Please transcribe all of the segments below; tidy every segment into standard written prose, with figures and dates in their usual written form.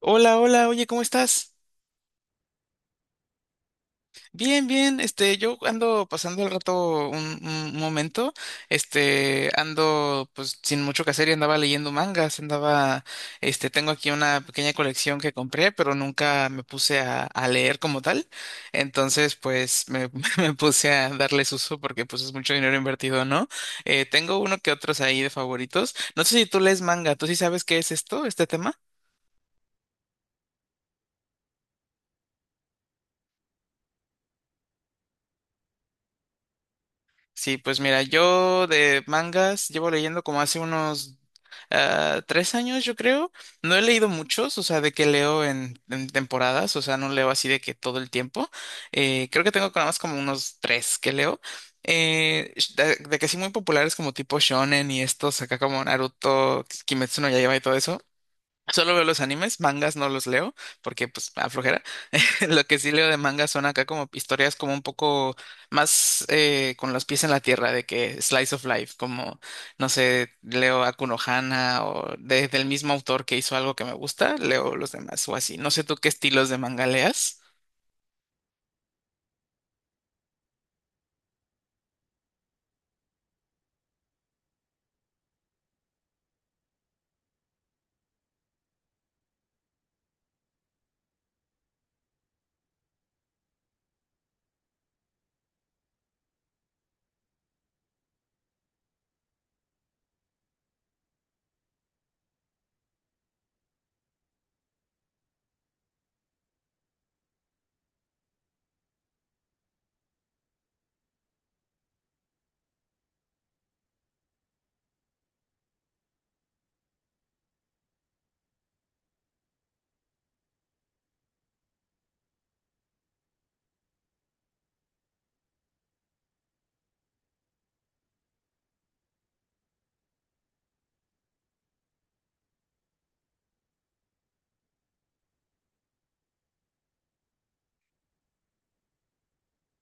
Hola, hola, oye, ¿cómo estás? Bien, bien, yo ando pasando el rato un momento, ando pues sin mucho que hacer y andaba leyendo mangas, andaba, tengo aquí una pequeña colección que compré, pero nunca me puse a leer como tal, entonces pues me puse a darles uso porque pues es mucho dinero invertido, ¿no? Tengo uno que otros ahí de favoritos, no sé si tú lees manga, ¿tú sí sabes qué es esto, este tema? Sí, pues mira, yo de mangas llevo leyendo como hace unos tres años, yo creo. No he leído muchos, o sea, de que leo en temporadas, o sea, no leo así de que todo el tiempo. Creo que tengo nada más como unos tres que leo. De que sí muy populares como tipo shonen y estos acá como Naruto, Kimetsu no Yaiba y todo eso. Solo veo los animes, mangas no los leo porque pues me aflojera. Lo que sí leo de mangas son acá como historias como un poco más con los pies en la tierra de que slice of life, como no sé, leo a Kuno Hana o del mismo autor que hizo algo que me gusta, leo los demás o así. No sé tú qué estilos de manga leas.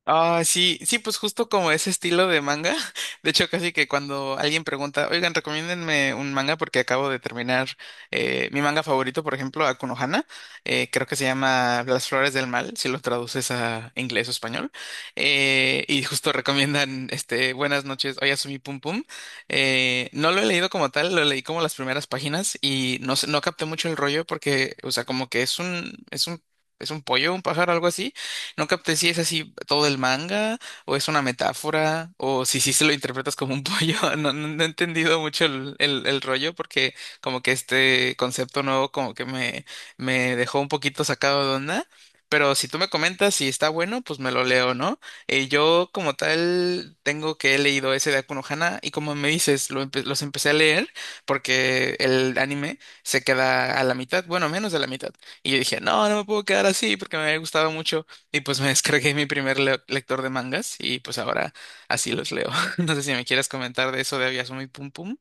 Ah, sí, sí, pues justo como ese estilo de manga. De hecho, casi que cuando alguien pregunta, oigan, recomiéndenme un manga porque acabo de terminar mi manga favorito, por ejemplo, Akuno Hana. Creo que se llama Las Flores del Mal, si lo traduces a inglés o español. Y justo recomiendan, este, Buenas noches, Oyasumi Pum Pum. No lo he leído como tal, lo leí como las primeras páginas y no, no capté mucho el rollo porque, o sea, como que es un pollo, un pájaro, algo así, no capté si es así todo el manga, o es una metáfora, o si sí se lo interpretas como un pollo. No, no, no he entendido mucho el rollo, porque como que este concepto nuevo como que me dejó un poquito sacado de onda. Pero si tú me comentas si está bueno, pues me lo leo, ¿no? Yo como tal tengo que he leído ese de Aku no Hana y como me dices, lo los empecé a leer porque el anime se queda a la mitad, bueno, menos de la mitad. Y yo dije, no, no me puedo quedar así porque me había gustado mucho. Y pues me descargué mi primer lector de mangas y pues ahora así los leo. No sé si me quieres comentar de eso de Abiasumi Pum Pum.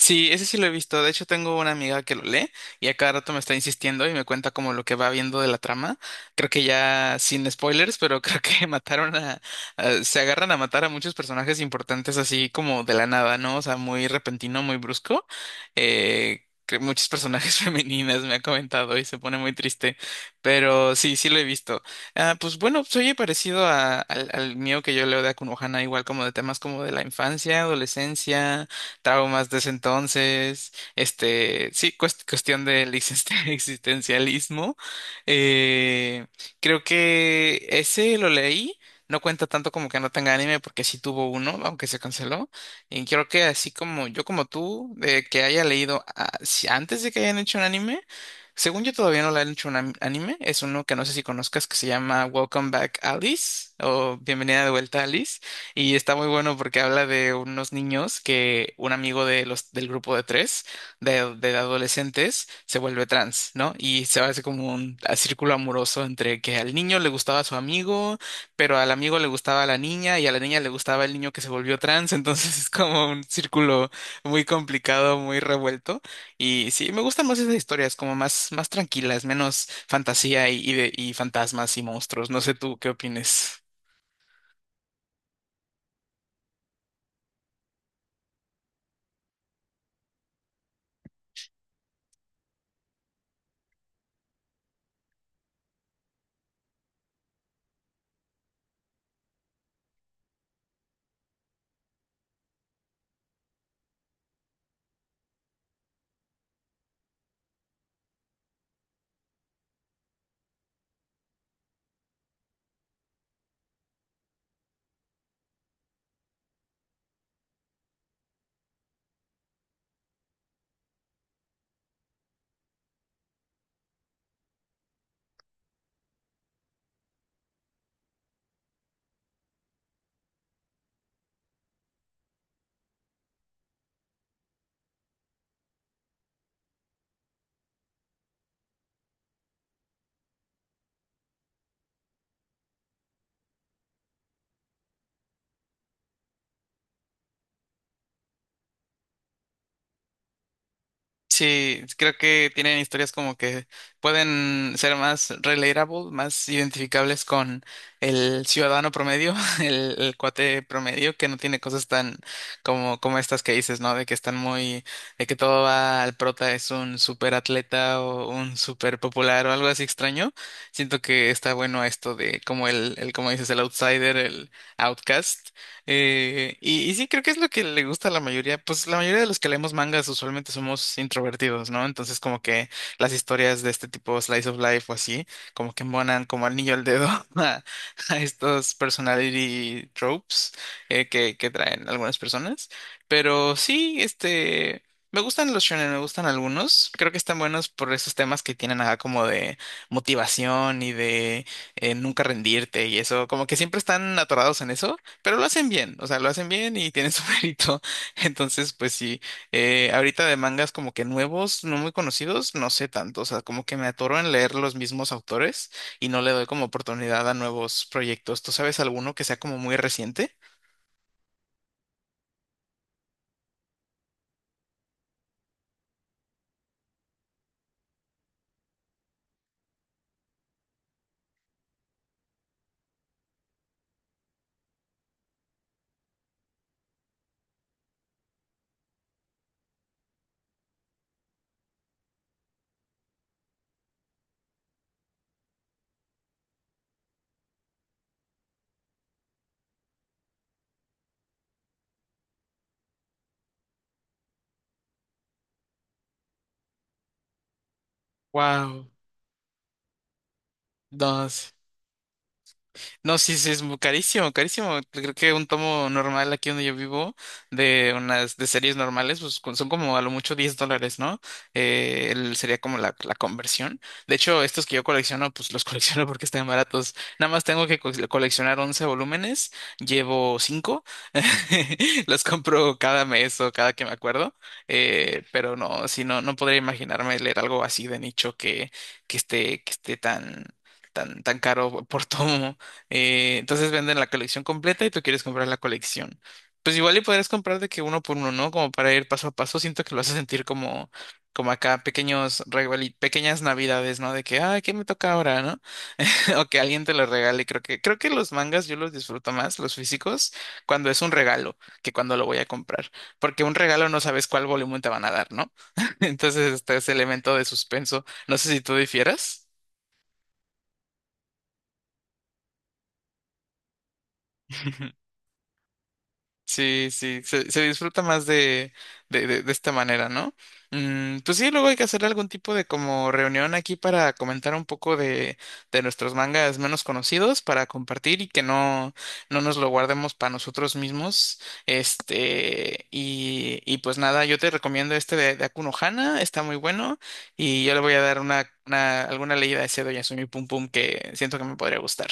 Sí, ese sí lo he visto. De hecho, tengo una amiga que lo lee y a cada rato me está insistiendo y me cuenta como lo que va viendo de la trama. Creo que ya sin spoilers, pero creo que mataron a, se agarran a matar a muchos personajes importantes así como de la nada, ¿no? O sea, muy repentino, muy brusco. Que muchos personajes femeninas me ha comentado y se pone muy triste. Pero sí, sí lo he visto. Ah, pues bueno, pues, oye, parecido al mío que yo leo de Akunohana, igual como de temas como de la infancia, adolescencia, traumas de ese entonces, este, sí, cuestión del existencialismo. Eh, Creo que ese lo leí. No cuenta tanto como que no tenga anime porque sí tuvo uno, aunque se canceló. Y creo que así como yo como tú, de que haya leído antes de que hayan hecho un anime, según yo todavía no le han hecho un anime, es uno que no sé si conozcas que se llama Welcome Back Alice o Bienvenida de vuelta Alice. Y está muy bueno porque habla de unos niños que un amigo de del grupo de tres, de adolescentes, se vuelve trans, ¿no? Y se hace como un círculo amoroso entre que al niño le gustaba su amigo, pero al amigo le gustaba la niña y a la niña le gustaba el niño que se volvió trans. Entonces es como un círculo muy complicado, muy revuelto. Y sí, me gustan más esas historias, como más, más tranquilas, menos fantasía y fantasmas y monstruos. No sé tú qué opines. Sí, creo que tienen historias como que pueden ser más relatable, más identificables con el ciudadano promedio, el cuate promedio que no tiene cosas tan como, como estas que dices, ¿no? De que están muy, de que todo va al prota, es un super atleta o un super popular o algo así extraño. Siento que está bueno esto de como el como dices, el outsider, el outcast. Y sí, creo que es lo que le gusta a la mayoría. Pues la mayoría de los que leemos mangas usualmente somos introvertidos, ¿no? Entonces, como que las historias de este tipo, slice of life o así, como que embonan como al niño al dedo a, a estos personality tropes que traen algunas personas. Pero sí, este. Me gustan los shonen, me gustan algunos. Creo que están buenos por esos temas que tienen acá como de motivación y de nunca rendirte y eso. Como que siempre están atorados en eso. Pero lo hacen bien, o sea, lo hacen bien y tienen su mérito. Entonces, pues sí, ahorita de mangas como que nuevos, no muy conocidos, no sé tanto, o sea, como que me atoro en leer los mismos autores y no le doy como oportunidad a nuevos proyectos. ¿Tú sabes alguno que sea como muy reciente? Wow, no. No, sí, sí, es carísimo, carísimo. Creo que un tomo normal aquí donde yo vivo, de unas, de series normales, pues son como a lo mucho $10, ¿no? Sería como la conversión. De hecho, estos que yo colecciono, pues los colecciono porque están baratos. Nada más tengo que coleccionar 11 volúmenes, llevo 5 los compro cada mes o cada que me acuerdo. Pero no, sí, no, no podría imaginarme leer algo así de nicho que esté tan caro por tomo. Entonces venden la colección completa y tú quieres comprar la colección. Pues igual y podrías comprar de que uno por uno, ¿no? Como para ir paso a paso. Siento que lo hace sentir como, como acá pequeños pequeñas navidades, ¿no? De que, ah, ¿qué me toca ahora, no? O que alguien te lo regale. Creo creo que los mangas yo los disfruto más, los físicos, cuando es un regalo, que cuando lo voy a comprar. Porque un regalo no sabes cuál volumen te van a dar, ¿no? Entonces está ese elemento de suspenso. No sé si tú difieras. Sí, sí, se disfruta más de esta manera, ¿no? Mm, pues sí, luego hay que hacer algún tipo de como reunión aquí para comentar un poco de nuestros mangas menos conocidos, para compartir y que no, no nos lo guardemos para nosotros mismos. Este, y pues nada, yo te recomiendo este de Akuno Hana, está muy bueno, y yo le voy a dar una alguna leída a ese Doyasumi Pum Pum que siento que me podría gustar.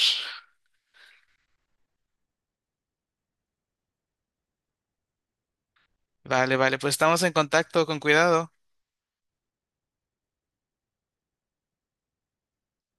Vale, vale, pues estamos en contacto, con cuidado.